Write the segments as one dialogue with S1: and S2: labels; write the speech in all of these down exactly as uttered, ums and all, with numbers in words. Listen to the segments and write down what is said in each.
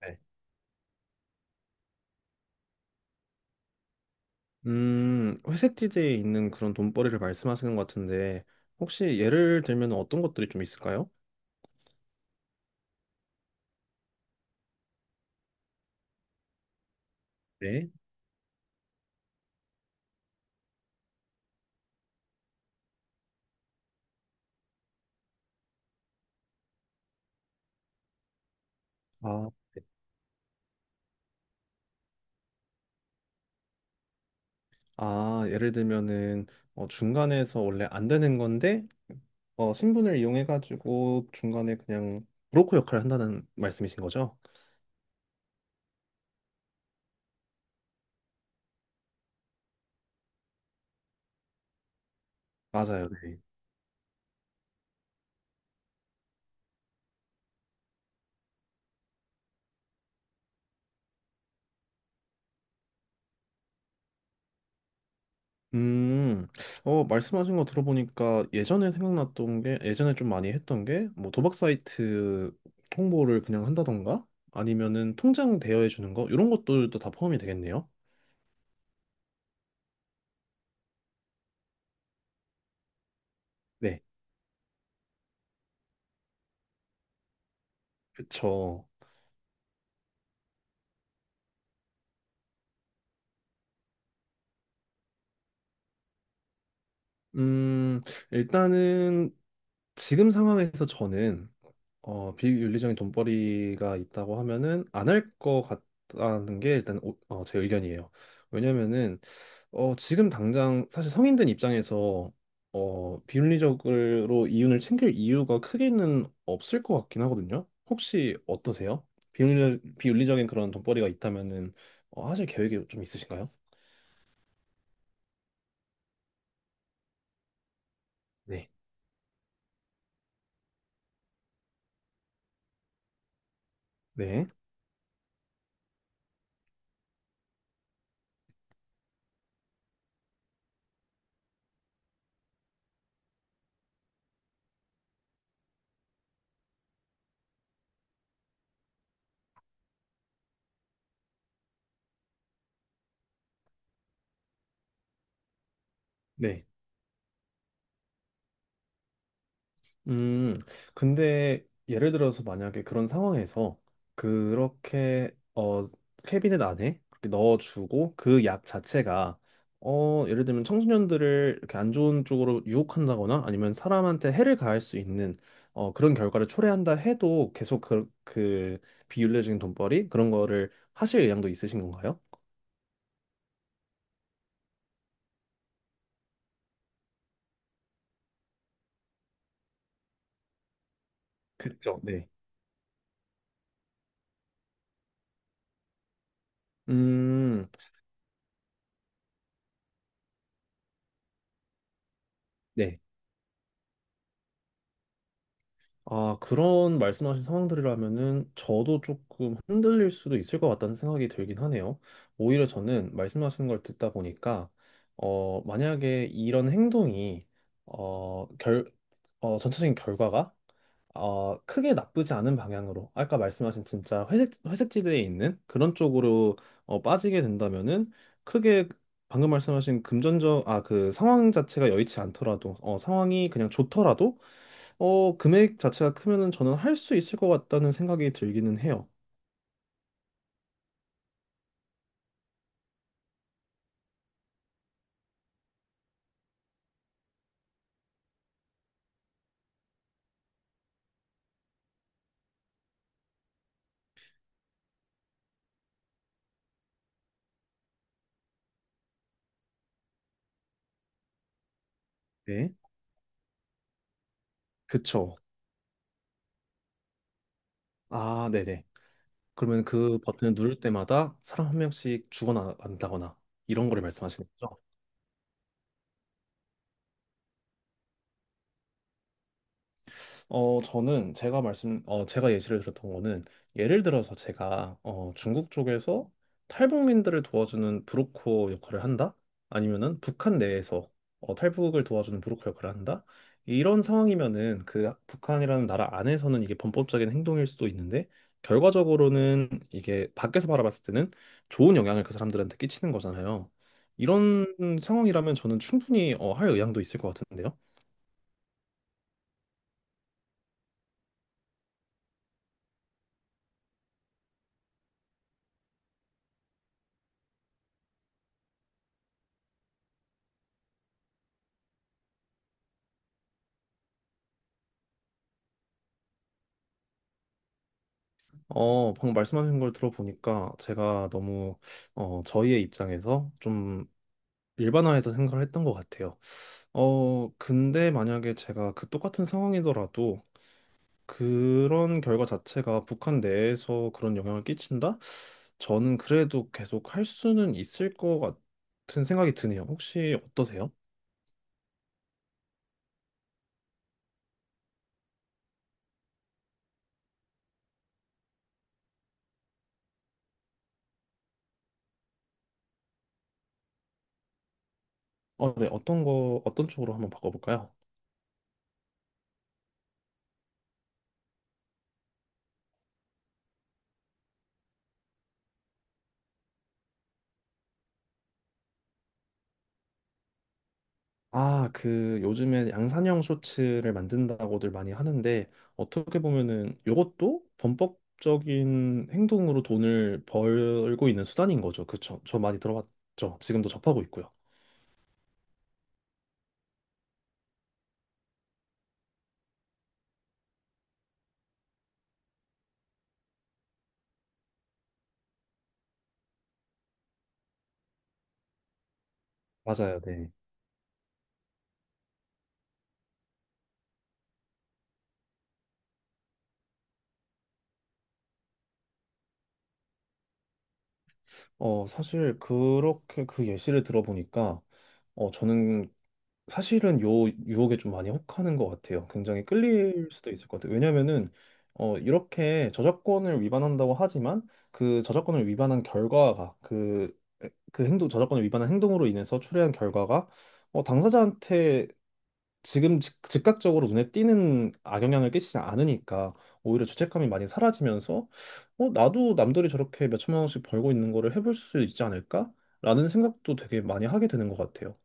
S1: 네. 음, 회색지대에 있는 그런 돈벌이를 말씀하시는 것 같은데, 혹시 예를 들면 어떤 것들이 좀 있을까요? 네. 아, 아, 예를 들면은 어, 중간에서 원래 안 되는 건데, 어, 신분을 이용해가지고 중간에 그냥 브로커 역할을 한다는 말씀이신 거죠? 맞아요. 음, 어, 말씀하신 거 들어보니까 예전에 생각났던 게, 예전에 좀 많이 했던 게, 뭐 도박 사이트 홍보를 그냥 한다던가, 아니면은 통장 대여해 주는 거, 이런 것들도 다 포함이 되겠네요. 네. 그쵸. 음, 일단은 지금 상황에서 저는 어, 비윤리적인 돈벌이가 있다고 하면은 안 할 것 같다는 게 일단 오- 어, 제 의견이에요. 왜냐면은 어, 지금 당장 사실 성인된 입장에서 어, 비윤리적으로 이윤을 챙길 이유가 크게는 없을 것 같긴 하거든요. 혹시 어떠세요? 비윤리, 비윤리적인 그런 돈벌이가 있다면은 어, 하실 계획이 좀 있으신가요? 네. 네. 네. 음, 근데 예를 들어서 만약에 그런 상황에서 그렇게 어 캐비넷 안에 그렇게 넣어주고 그 약 자체가 어 예를 들면 청소년들을 이렇게 안 좋은 쪽으로 유혹한다거나 아니면 사람한테 해를 가할 수 있는 어 그런 결과를 초래한다 해도 계속 그, 그 비윤리적인 돈벌이 그런 거를 하실 의향도 있으신 건가요? 그죠 네. 음, 네. 아, 그런 말씀하신 상황들이라면은 저도 조금 흔들릴 수도 있을 것 같다는 생각이 들긴 하네요. 오히려 저는 말씀하시는 걸 듣다 보니까, 어, 만약에 이런 행동이, 어, 결, 어, 전체적인 결과가 어, 크게 나쁘지 않은 방향으로 아까 말씀하신 진짜 회색 회색지대에 있는 그런 쪽으로 어, 빠지게 된다면은 크게 방금 말씀하신 금전적 아 그 상황 자체가 여의치 않더라도 어, 상황이 그냥 좋더라도 어, 금액 자체가 크면은 저는 할 수 있을 것 같다는 생각이 들기는 해요. 네. 그쵸. 아, 네네. 그러면 그 버튼을 누를 때마다 사람 한 명씩 죽어나간다거나 이런 거를 말씀하시는 거죠? 어, 저는 제가 말씀, 어, 제가 예시를 들었던 거는 예를 들어서 제가 어, 중국 쪽에서 탈북민들을 도와주는 브로커 역할을 한다? 아니면은 북한 내에서 어, 탈북을 도와주는 브로커 역할을 한다? 이런 상황이면은 그 북한이라는 나라 안에서는 이게 범법적인 행동일 수도 있는데 결과적으로는 이게 밖에서 바라봤을 때는 좋은 영향을 그 사람들한테 끼치는 거잖아요. 이런 상황이라면 저는 충분히 어, 할 의향도 있을 것 같은데요. 어, 방금 말씀하신 걸 들어보니까 제가 너무 어, 저희의 입장에서 좀 일반화해서 생각을 했던 것 같아요. 어, 근데 만약에 제가 그 똑같은 상황이더라도 그런 결과 자체가 북한 내에서 그런 영향을 끼친다? 저는 그래도 계속 할 수는 있을 것 같은 생각이 드네요. 혹시 어떠세요? 어, 네, 어떤 거, 어떤 쪽으로 한번 바꿔볼까요? 아, 그 요즘에 양산형 쇼츠를 만든다고들 많이 하는데 어떻게 보면은 요것도 범법적인 행동으로 돈을 벌고 있는 수단인 거죠. 그쵸? 저 많이 들어봤죠. 지금도 접하고 있고요. 맞아요, 네. 어, 사실 그렇게 그 예시를 들어보니까 어, 저는 사실은 요 유혹에 좀 많이 혹하는 것 같아요. 굉장히 끌릴 수도 있을 것 같아요. 왜냐면은 어, 이렇게 저작권을 위반한다고 하지만 그 저작권을 위반한 결과가 그, 그 행동, 저작권을 위반한 행동으로 인해서 초래한 결과가 어, 당사자한테 지금 즉, 즉각적으로 눈에 띄는 악영향을 끼치지 않으니까 오히려 죄책감이 많이 사라지면서 어, 나도 남들이 저렇게 몇천만 원씩 벌고 있는 거를 해볼 수 있지 않을까? 라는 생각도 되게 많이 하게 되는 것 같아요.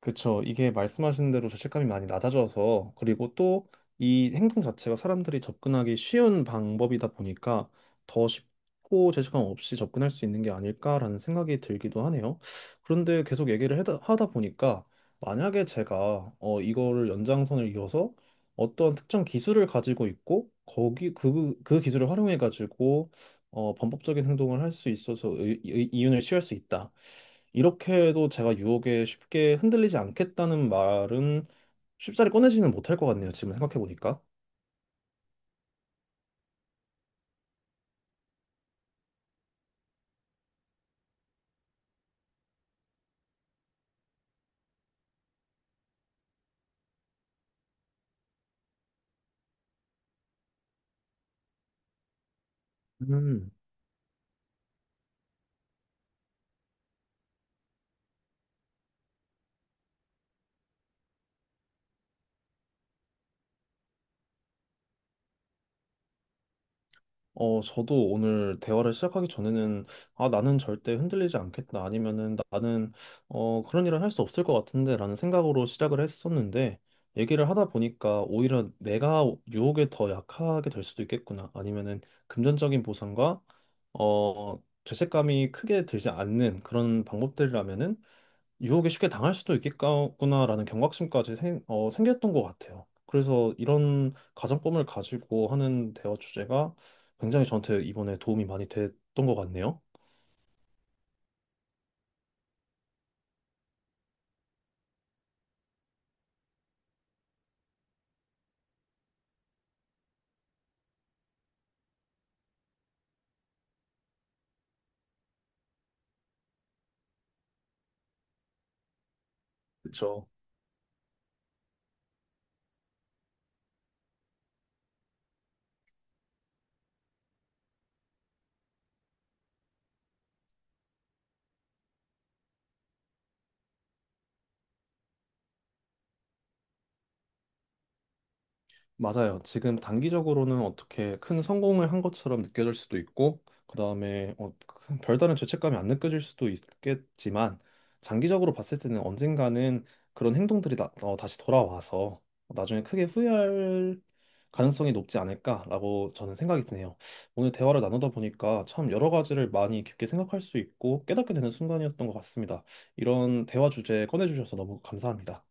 S1: 그쵸. 이게 말씀하신 대로 죄책감이 많이 낮아져서, 그리고 또 이 행동 자체가 사람들이 접근하기 쉬운 방법이다 보니까 더 쉽고 죄책감 없이 접근할 수 있는 게 아닐까라는 생각이 들기도 하네요. 그런데 계속 얘기를 하다, 하다 보니까 만약에 제가 어, 이거를 연장선을 이어서 어떤 특정 기술을 가지고 있고, 거기 그, 그 기술을 활용해 가지고 어, 범법적인 행동을 할 수 있어서 의- 의- 이윤을 취할 수 있다. 이렇게 해도 제가 유혹에 쉽게 흔들리지 않겠다는 말은 쉽사리 꺼내지는 못할 것 같네요. 지금 생각해 보니까. 음. 어, 저도 오늘 대화를 시작하기 전에는, 아, 나는 절대 흔들리지 않겠다. 아니면은 나는, 어, 그런 일은 할 수 없을 것 같은데. 라는 생각으로 시작을 했었는데, 얘기를 하다 보니까 오히려 내가 유혹에 더 약하게 될 수도 있겠구나. 아니면은 금전적인 보상과, 어, 죄책감이 크게 들지 않는 그런 방법들이라면은 유혹에 쉽게 당할 수도 있겠구나라는 경각심까지 생, 어, 생겼던 것 같아요. 그래서 이런 가정법을 가지고 하는 대화 주제가 굉장히 저한테 이번에 도움이 많이 됐던 것 같네요. 그쵸? 맞아요. 지금 단기적으로는 어떻게 큰 성공을 한 것처럼 느껴질 수도 있고, 그다음에 어, 큰 별다른 죄책감이 안 느껴질 수도 있겠지만, 장기적으로 봤을 때는 언젠가는 그런 행동들이 나, 어, 다시 돌아와서 나중에 크게 후회할 가능성이 높지 않을까라고 저는 생각이 드네요. 오늘 대화를 나누다 보니까 참 여러 가지를 많이 깊게 생각할 수 있고 깨닫게 되는 순간이었던 것 같습니다. 이런 대화 주제 꺼내주셔서 너무 감사합니다.